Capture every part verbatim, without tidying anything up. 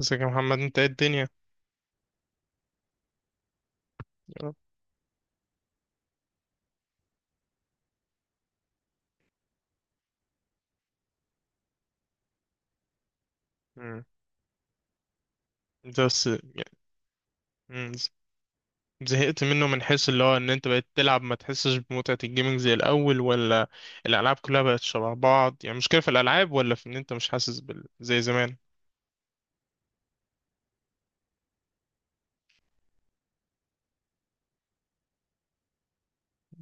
ازيك يا محمد؟ انت ايه الدنيا؟ يا رب. مم. انت بس يعني- مم. زهقت منه من حيث اللي هو ان انت بقيت تلعب ما تحسش بمتعة الجيمنج زي الاول، ولا الالعاب كلها بقت شبه بعض؟ يعني مشكلة في الالعاب، ولا في ان انت مش حاسس بال... زي زمان؟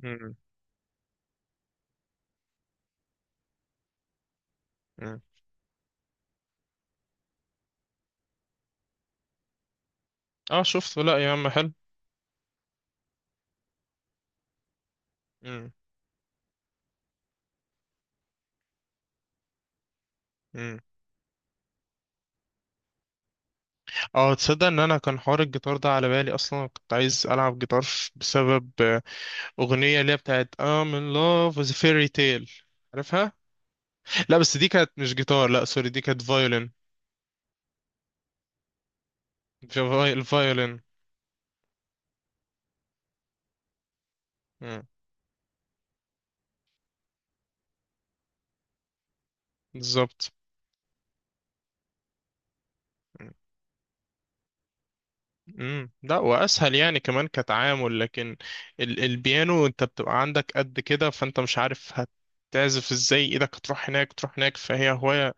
مم. مم. اه، شفت. لا يا عم، حلو. مم. مم. اه، تصدق ان انا كان حوار الجيتار ده على بالي اصلا. كنت عايز العب جيتار بسبب آه، اغنية اللي هي بتاعت I'm in love with a fairy tale. عارفها؟ لا، بس دي كانت مش جيتار. لا سوري، دي كانت violin. في فاي- الفايولين. مم. بالظبط. مم. مم. لا، واسهل يعني كمان كتعامل، لكن ال البيانو انت بتبقى عندك قد كده، فانت مش عارف هتعزف ازاي، ايدك هتروح هناك تروح هناك، فهي هواية.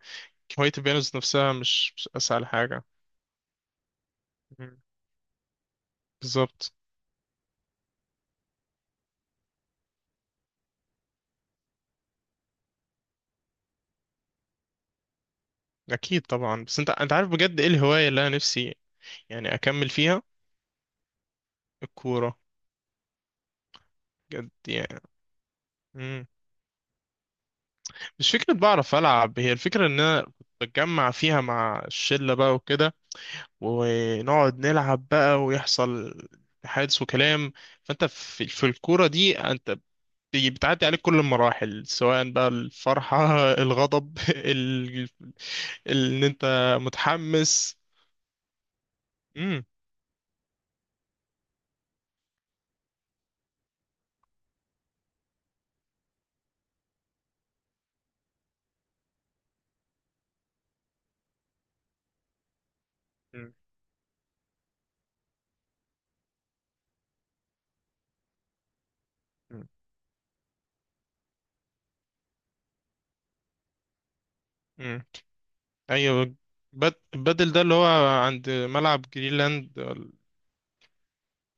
هواية البيانو ذات نفسها مش مش اسهل حاجة. مم. بالظبط. اكيد طبعا، بس انت انت عارف بجد ايه الهواية اللي انا نفسي يعني اكمل فيها؟ الكورة. بجد يعني. مم. مش فكرة بعرف العب، هي الفكرة ان انا كنت بتجمع فيها مع الشلة بقى وكده، ونقعد نلعب بقى، ويحصل حادث وكلام. فانت في, في الكورة دي انت بي- بتعدي عليك كل المراحل، سواء بقى الفرحة الغضب ال... ال... ان انت متحمس. امم. امم. ايوه، بد... بدل ده اللي هو عند ملعب جرينلاند، ولا-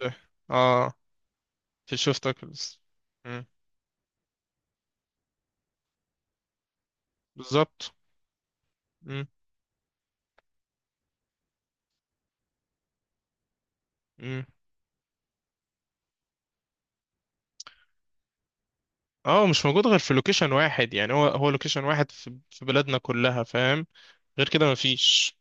إيه؟ اه، في شفتك. امم. بالظبط. امم. اه، مش موجود غير في لوكيشن واحد. يعني هو هو لوكيشن واحد في في بلادنا كلها، فاهم؟ غير كده مفيش.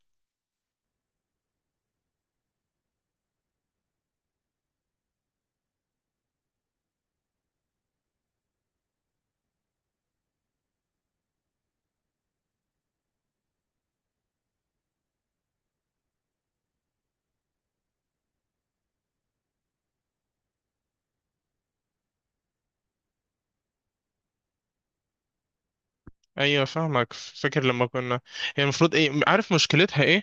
ايوه، فاهمك. فاكر لما كنا، هي المفروض ايه؟ عارف مشكلتها ايه؟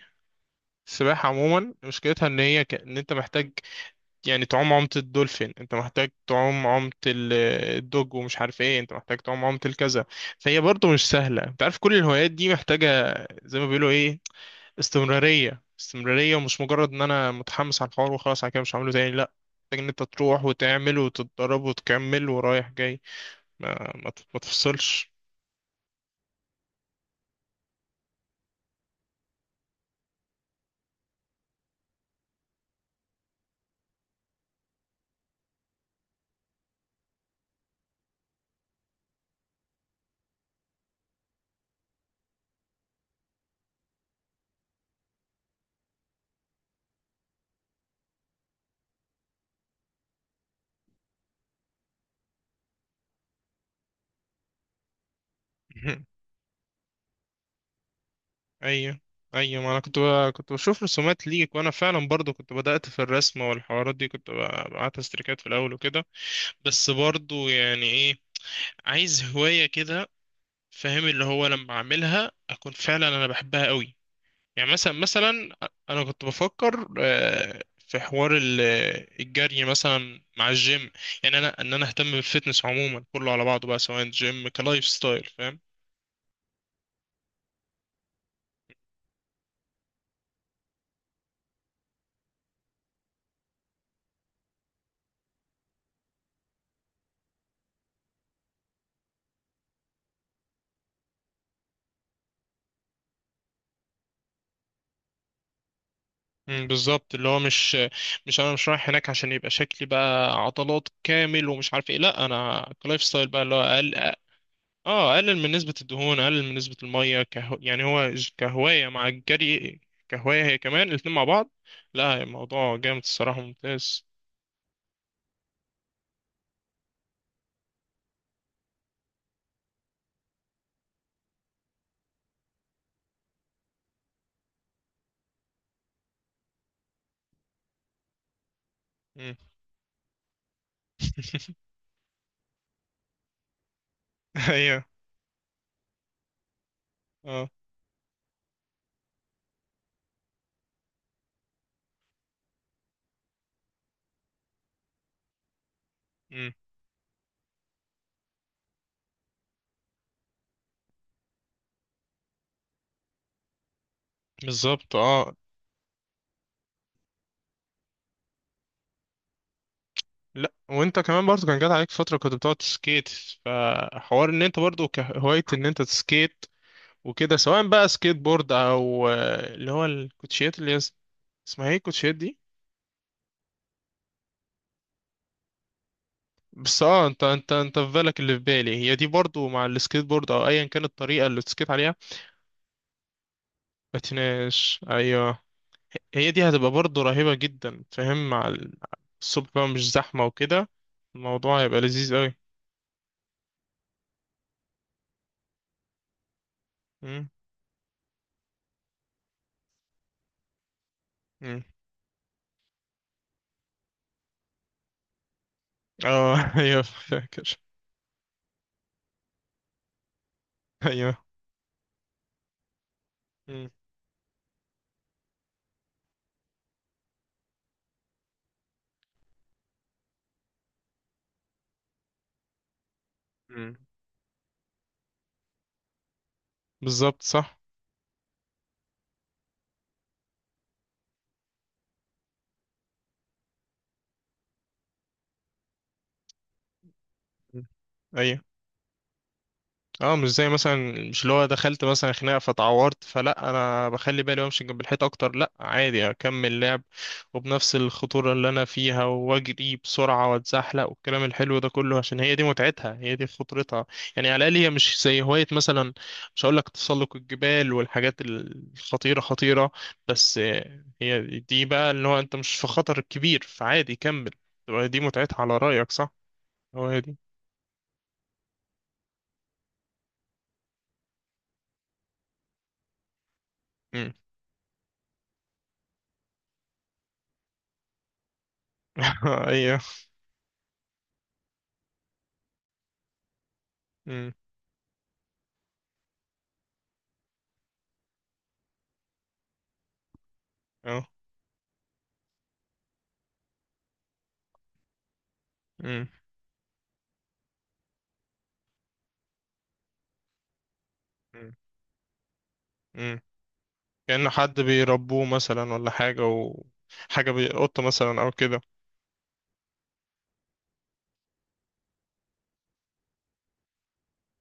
السباحة عموما مشكلتها ان هي ك... ان انت محتاج يعني تعوم عومة الدولفين، انت محتاج تعوم عومة ال- الدوج ومش عارف ايه، انت محتاج تعوم عومة الكذا. فهي برضو مش سهلة. انت عارف كل الهوايات دي محتاجة زي ما بيقولوا ايه، استمرارية استمرارية، ومش مجرد ان انا متحمس على الحوار وخلاص، على كده مش هعمله تاني. لا، محتاج ان انت تروح وتعمل وتتدرب وتكمل ورايح جاي. ما ما, ت- ما تفصلش. ايوه، ايوه. ما انا كنت ب... كنت بشوف رسومات ليك، وانا فعلا برضو كنت بدأت في الرسم، والحوارات دي كنت ب- بعت استريكات في الاول وكده. بس برضو يعني ايه، عايز هواية كده، فاهم؟ اللي هو لما اعملها اكون فعلا انا بحبها قوي. يعني مثلا مثلا انا كنت بفكر آه، في حوار ال- آه، الجري مثلا مع الجيم. يعني انا ان انا اهتم بالفتنس عموما كله على بعضه بقى، سواء جيم كلايف ستايل، فاهم؟ مم، بالظبط. اللي هو مش مش انا مش رايح هناك عشان يبقى شكلي بقى عضلات كامل ومش عارف ايه، لا انا كلايف ستايل بقى، اللي هو اقل. اه، آه، اقلل من نسبة الدهون، اقلل من نسبة المية كهو. يعني هو ج- كهواية مع الجري، كهواية، هي كمان الاتنين مع بعض. لا الموضوع جامد الصراحة، ممتاز. مم. ايوه. اه. امم. بالظبط. اه. لا وانت كمان برضو، كان جات عليك فترة كنت بتقعد تسكيت، فحوار ان انت برضو كهواية ان انت تسكيت وكده، سواء بقى سكيت بورد او آه، اللي هو الكوتشيات اللي هي اس- اسمها ايه الكوتشيات دي؟ بس اه، انت انت انت في بالك اللي في بالي. هي دي برضو مع السكيت بورد او ايا كانت الطريقة اللي تسكيت عليها. بتناش ايوه. هي دي هتبقى برضو رهيبة جدا، فاهم؟ مع ال- الصبح بقى مش زحمة وكده، الموضوع هيبقى لذيذ قوي. اه ايوه فاكر. ايوه. مم. مم. بالظبط صح. مم. ايوه اه، مش زي مثلا، مش اللي هو دخلت مثلا خناقه فتعورت، فلا انا بخلي بالي وامشي جنب الحيط اكتر، لا عادي اكمل لعب. وبنفس الخطوره اللي انا فيها، واجري بسرعه واتزحلق والكلام الحلو ده كله، عشان هي دي متعتها، هي دي خطرتها. يعني على الاقل هي مش زي هوايه مثلا، مش هقول لك تسلق الجبال والحاجات الخطيره خطيره. بس آه، هي دي بقى اللي هو انت مش في خطر كبير فعادي كمل، تبقى دي متعتها. على رايك صح؟ هو هي دي. امم ايوه. امم. اه. مم. مم. كأنه حد بيربوه مثلا ولا حاجة، وحاجة بي... قطة مثلا أو كده.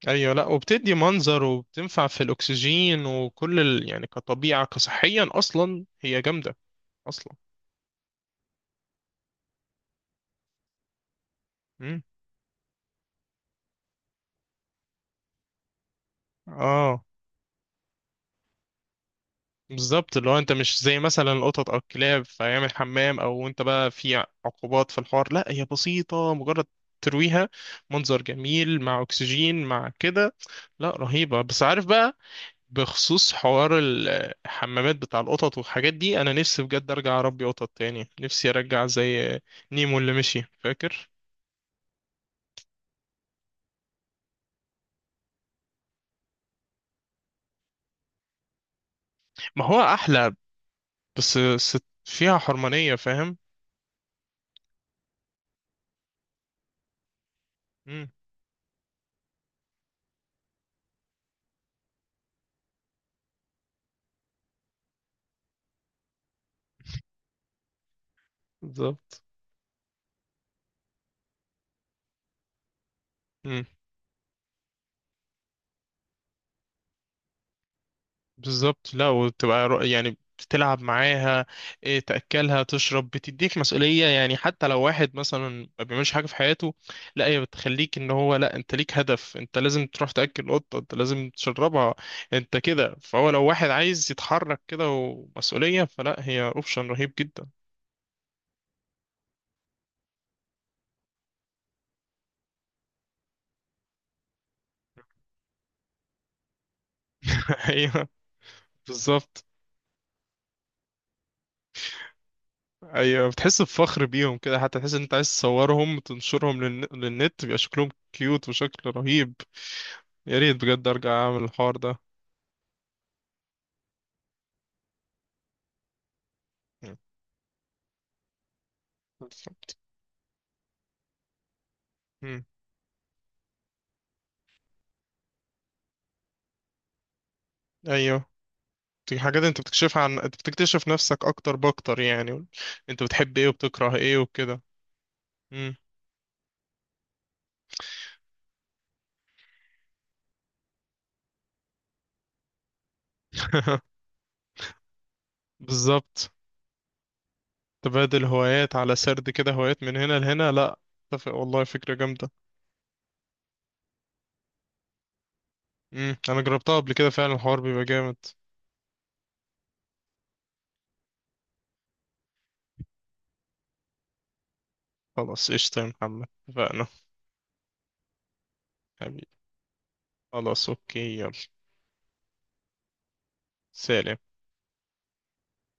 أيوة، لأ وبتدي منظر وبتنفع في الأكسجين وكل ال... يعني كطبيعة كصحيا أصلا هي جامدة أصلا. مم. آه بالظبط. اللي هو أنت مش زي مثلا القطط أو الكلاب فيعمل حمام، أو أنت بقى في عقوبات في الحوار. لأ هي بسيطة، مجرد ترويها، منظر جميل مع أكسجين مع كده. لأ رهيبة. بس عارف بقى، بخصوص حوار الحمامات بتاع القطط والحاجات دي، انا نفسي بجد ارجع اربي قطط تاني، نفسي ارجع زي نيمو اللي مشي فاكر. ما هو احلى، بس ست فيها حرمانية، فاهم؟ امم. بالظبط. بالظبط. لا وتبقى رو- يعني بتلعب معاها إيه، تأكلها تشرب، بتديك مسؤولية. يعني حتى لو واحد مثلا ما بيعملش حاجة في حياته، لا هي بتخليك ان هو لا انت ليك هدف، انت لازم تروح تأكل قطة، انت لازم تشربها انت كده. فهو لو واحد عايز يتحرك كده ومسؤولية، فلا هي اوبشن رهيب جدا. ايوه. بالظبط. ايوه، بتحس بفخر بيهم كده، حتى تحس ان انت عايز تصورهم وتنشرهم للن- للنت، بيبقى شكلهم كيوت وشكل رهيب. يا ريت بجد ارجع اعمل الحوار ده. مم. ايوه، دي حاجات انت بتكشفها، عن انت بتكتشف نفسك اكتر باكتر يعني، انت بتحب ايه وبتكره ايه وكده. مم. بالظبط. تبادل هوايات على سرد كده، هوايات من هنا لهنا، لا اتفق والله فكرة جامدة. مم. انا جربتها قبل كده، فعلا الحوار بيبقى جامد. خلاص قشطة يا محمد، اتفقنا. حبيبي، خلاص اوكي، يلا. سلام.